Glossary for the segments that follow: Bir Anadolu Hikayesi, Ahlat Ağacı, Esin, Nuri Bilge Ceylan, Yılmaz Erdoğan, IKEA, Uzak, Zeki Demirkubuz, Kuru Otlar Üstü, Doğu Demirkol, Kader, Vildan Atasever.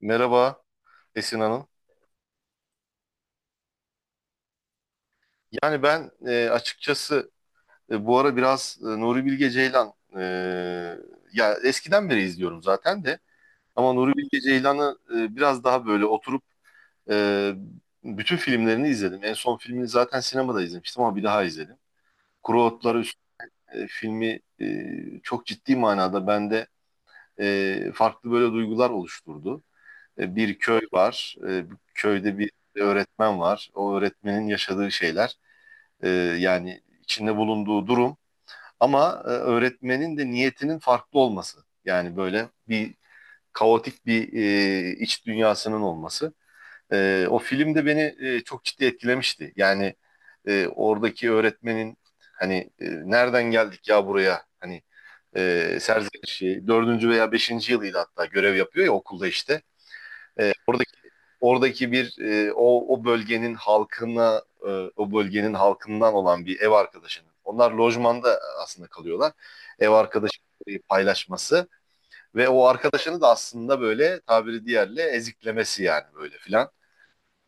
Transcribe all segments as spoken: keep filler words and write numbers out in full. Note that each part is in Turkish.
Merhaba Esin Hanım. Yani ben, e, açıkçası, e, bu ara biraz e, Nuri Bilge Ceylan, e, ya eskiden beri izliyorum zaten de, ama Nuri Bilge Ceylan'ı e, biraz daha böyle oturup e, bütün filmlerini izledim. En son filmini zaten sinemada izlemiştim ama bir daha izledim. Kuru Otlar Üst e, filmi e, çok ciddi manada bende e, farklı böyle duygular oluşturdu. E, bir köy var. E, bu köyde bir öğretmen var. O öğretmenin yaşadığı şeyler, e, yani içinde bulunduğu durum, ama e, öğretmenin de niyetinin farklı olması. Yani böyle bir kaotik bir e, iç dünyasının olması. E, o film de beni e, çok ciddi etkilemişti. Yani e, oradaki öğretmenin, hani, e, nereden geldik ya buraya, hani e, serzenişi dördüncü veya beşinci yılıydı, hatta görev yapıyor ya okulda işte, oradaki bir e, o o bölgenin halkına, e, o bölgenin halkından olan bir ev arkadaşının, onlar lojmanda aslında kalıyorlar. Ev arkadaşları paylaşması ve o arkadaşını da aslında böyle tabiri diğerle eziklemesi, yani böyle filan.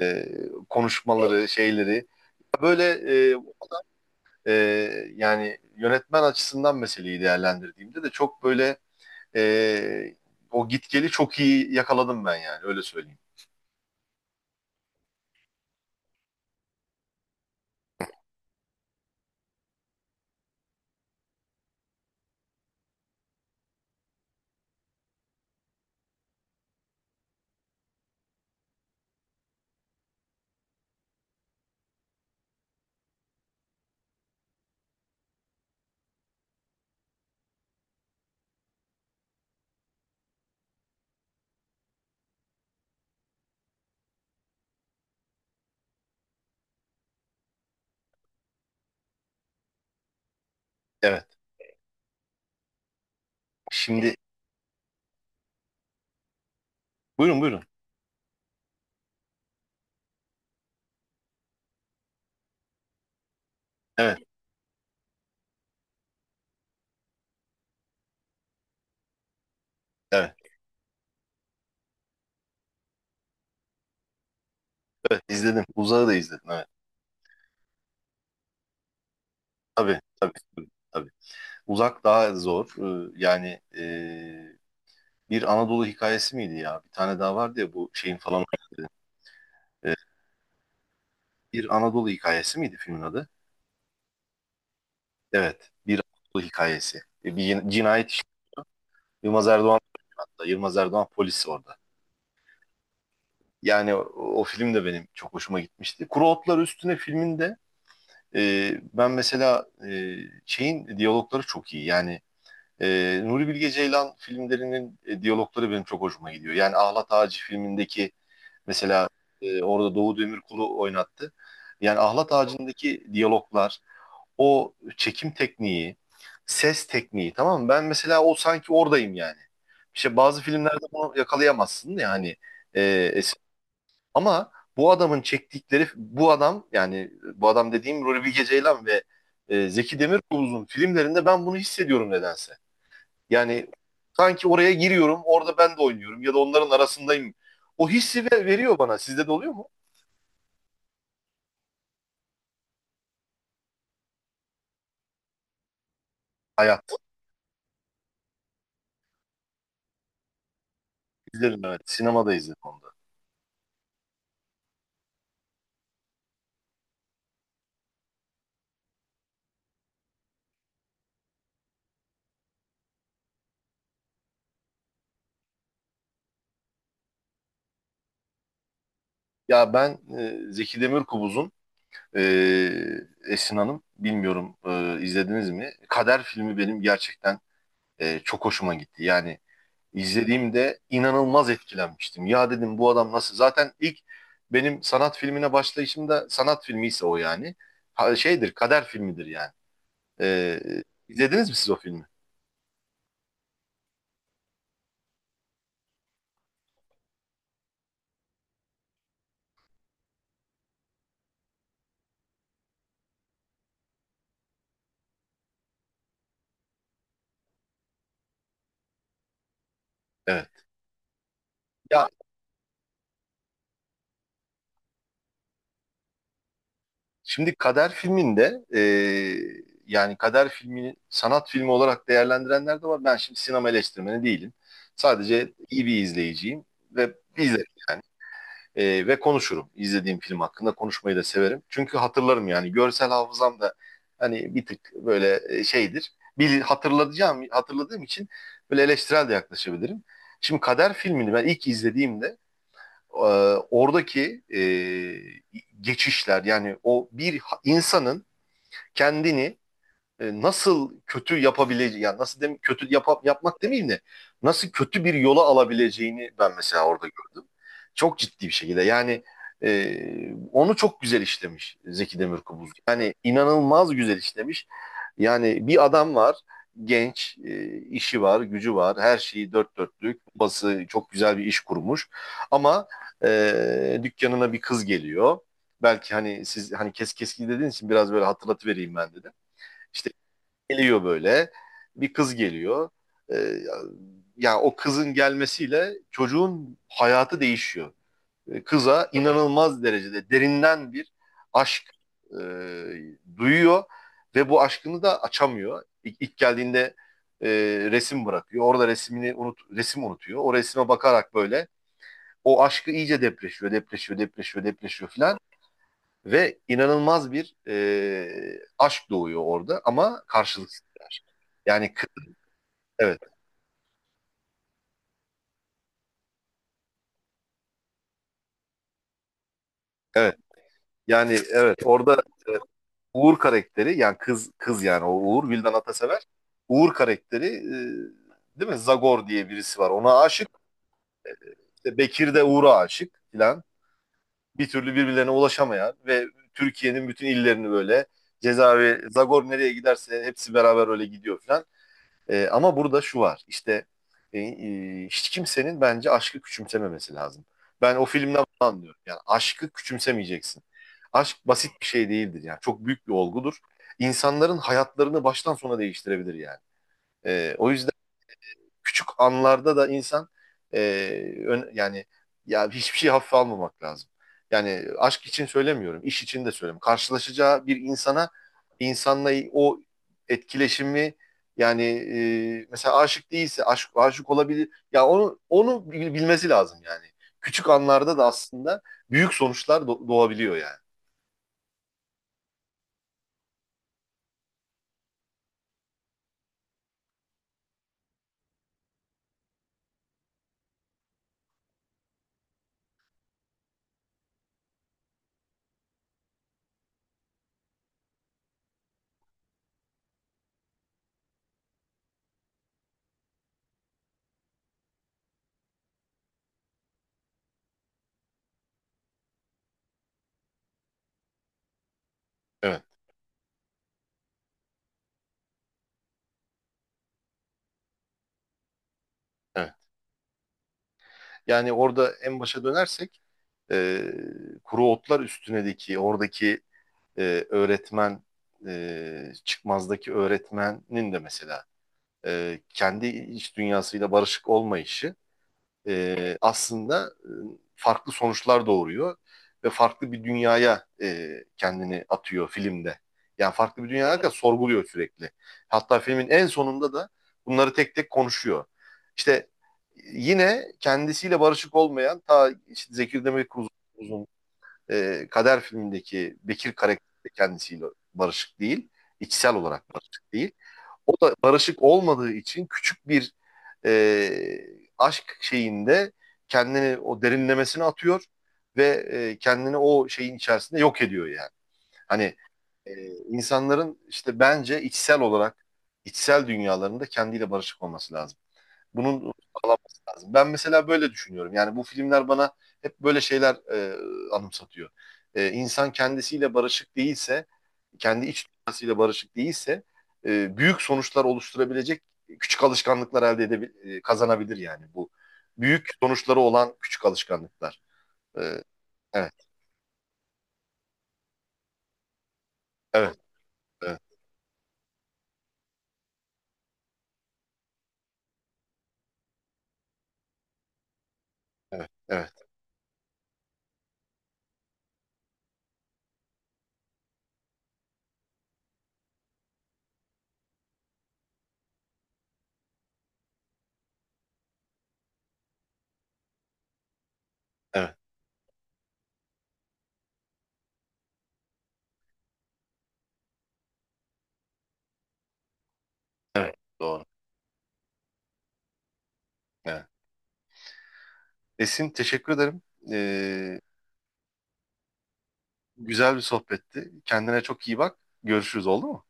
E, konuşmaları, şeyleri, böyle, e, e, yani yönetmen açısından meseleyi değerlendirdiğimde de çok böyle, e, o gitgeli çok iyi yakaladım ben, yani öyle söyleyeyim. Evet. Şimdi buyurun, buyurun. Evet. Evet, evet, izledim. Uzağı da izledim. Evet. Tabii, tabii, tabii, tabii. Uzak daha zor. Ee, yani e, bir Anadolu hikayesi miydi ya? Bir tane daha vardı ya bu şeyin falan. Bir Anadolu hikayesi miydi filmin adı? Evet, bir Anadolu hikayesi. E, Bir cinayet işi. Yılmaz Erdoğan hatta. Yılmaz Erdoğan polis orada. Yani o, o film de benim çok hoşuma gitmişti. Kuru Otlar Üstüne filminde e, ben mesela e, şeyin diyalogları çok iyi. Yani Ee, Nuri Bilge Ceylan filmlerinin e, diyalogları benim çok hoşuma gidiyor. Yani Ahlat Ağacı filmindeki mesela, e, orada Doğu Demirkol'u oynattı. Yani Ahlat Ağacı'ndaki diyaloglar, o çekim tekniği, ses tekniği, tamam mı? Ben mesela o sanki oradayım yani. İşte bazı filmlerde bunu yakalayamazsın yani. Ama bu adamın çektikleri, bu adam, yani bu adam dediğim Nuri Bilge Ceylan ve e, Zeki Demirkubuz'un filmlerinde ben bunu hissediyorum nedense. Yani sanki oraya giriyorum, orada ben de oynuyorum ya da onların arasındayım. O hissi veriyor bana. Sizde de oluyor mu? Hayat. İzledim. Evet. Sinemada izledim onu da. Ya ben, e, Zeki Demirkubuz'un, e, Esin Hanım, bilmiyorum e, izlediniz mi? Kader filmi benim gerçekten e, çok hoşuma gitti. Yani izlediğimde inanılmaz etkilenmiştim. Ya dedim, bu adam nasıl? Zaten ilk, benim sanat filmine başlayışımda sanat filmi ise o, yani. Ha, şeydir, Kader filmidir yani. Ee, izlediniz mi siz o filmi? Evet. Ya şimdi Kader filminde, e, yani Kader filmini sanat filmi olarak değerlendirenler de var. Ben şimdi sinema eleştirmeni değilim. Sadece iyi bir izleyiciyim ve izlerim yani. Ee, ve konuşurum. İzlediğim film hakkında konuşmayı da severim. Çünkü hatırlarım yani. Görsel hafızam da hani bir tık böyle e, şeydir. Bil, hatırlayacağım, hatırladığım için böyle eleştirel de yaklaşabilirim. Şimdi Kader filmini ben ilk izlediğimde, e, oradaki e, geçişler, yani o bir insanın kendini e, nasıl kötü yapabileceği, yani nasıl dem kötü yap yapmak demeyeyim de, nasıl kötü bir yola alabileceğini ben mesela orada gördüm. Çok ciddi bir şekilde yani, e, onu çok güzel işlemiş Zeki Demirkubuz. Yani inanılmaz güzel işlemiş. Yani bir adam var, genç, e, işi var, gücü var, her şeyi dört dörtlük, bası çok güzel bir iş kurmuş. Ama e, dükkanına bir kız geliyor. Belki hani siz hani kes keski dediğiniz için biraz böyle hatırlatıvereyim ben dedim. İşte geliyor böyle. Bir kız geliyor. Ee, ya ya o kızın gelmesiyle çocuğun hayatı değişiyor. Ee, Kıza inanılmaz derecede derinden bir aşk e, duyuyor ve bu aşkını da açamıyor. İlk, ilk geldiğinde e, resim bırakıyor. Orada resmini unut resim unutuyor. O resme bakarak böyle o aşkı iyice depreşiyor, depreşiyor, depreşiyor, depreşiyor filan. Ve inanılmaz bir e, aşk doğuyor orada ama karşılıksız bir aşk. Yani kı- evet, evet, yani evet, orada e, Uğur karakteri, yani kız kız, yani o Uğur, Vildan Atasever, Uğur karakteri, e, değil mi? Zagor diye birisi var, ona aşık. İşte Bekir de Uğur'a aşık filan. Bir türlü birbirlerine ulaşamayan ve Türkiye'nin bütün illerini böyle, cezaevi, Zagor nereye giderse hepsi beraber öyle gidiyor filan. E, ama burada şu var. İşte e, e, hiç kimsenin, bence, aşkı küçümsememesi lazım. Ben o filmden bunu anlıyorum. Yani aşkı küçümsemeyeceksin. Aşk basit bir şey değildir yani. Çok büyük bir olgudur. İnsanların hayatlarını baştan sona değiştirebilir yani. E, o yüzden küçük anlarda da insan, e, ön- yani, ya hiçbir şey hafife almamak lazım. Yani aşk için söylemiyorum, iş için de söylemiyorum. Karşılaşacağı bir insana, insanla o etkileşimi, yani e, mesela aşık değilse, aşk aşık olabilir. Ya onu onu bilmesi lazım yani. Küçük anlarda da aslında büyük sonuçlar do- doğabiliyor yani. Evet, evet. Yani orada en başa dönersek, e, Kuru Otlar Üstüne'deki oradaki e, öğretmen, e, çıkmazdaki öğretmenin de mesela e, kendi iç dünyasıyla barışık olmayışı, e, aslında e, farklı sonuçlar doğuruyor ve farklı bir dünyaya e, kendini atıyor filmde. Yani farklı bir dünyaya kadar sorguluyor sürekli. Hatta filmin en sonunda da bunları tek tek konuşuyor. İşte, yine kendisiyle barışık olmayan, ta işte Zeki Demirkubuz'un e, Kader filmindeki Bekir karakteri de kendisiyle barışık değil. İçsel olarak barışık değil. O da barışık olmadığı için küçük bir e, aşk şeyinde kendini o derinlemesine atıyor ve e, kendini o şeyin içerisinde yok ediyor yani. Hani e, insanların, işte bence içsel olarak, içsel dünyalarında kendiyle barışık olması lazım. Bunun lazım. Ben mesela böyle düşünüyorum. Yani bu filmler bana hep böyle şeyler e, anımsatıyor. E, insan kendisiyle barışık değilse, kendi iç dünyasıyla barışık değilse e, büyük sonuçlar oluşturabilecek küçük alışkanlıklar elde edebilir, e, kazanabilir yani bu. Büyük sonuçları olan küçük alışkanlıklar. E, evet, evet, evet, evet, evet, evet, evet, doğru. Evet. Esin, teşekkür ederim. E, güzel bir sohbetti. Kendine çok iyi bak. Görüşürüz, oldu mu?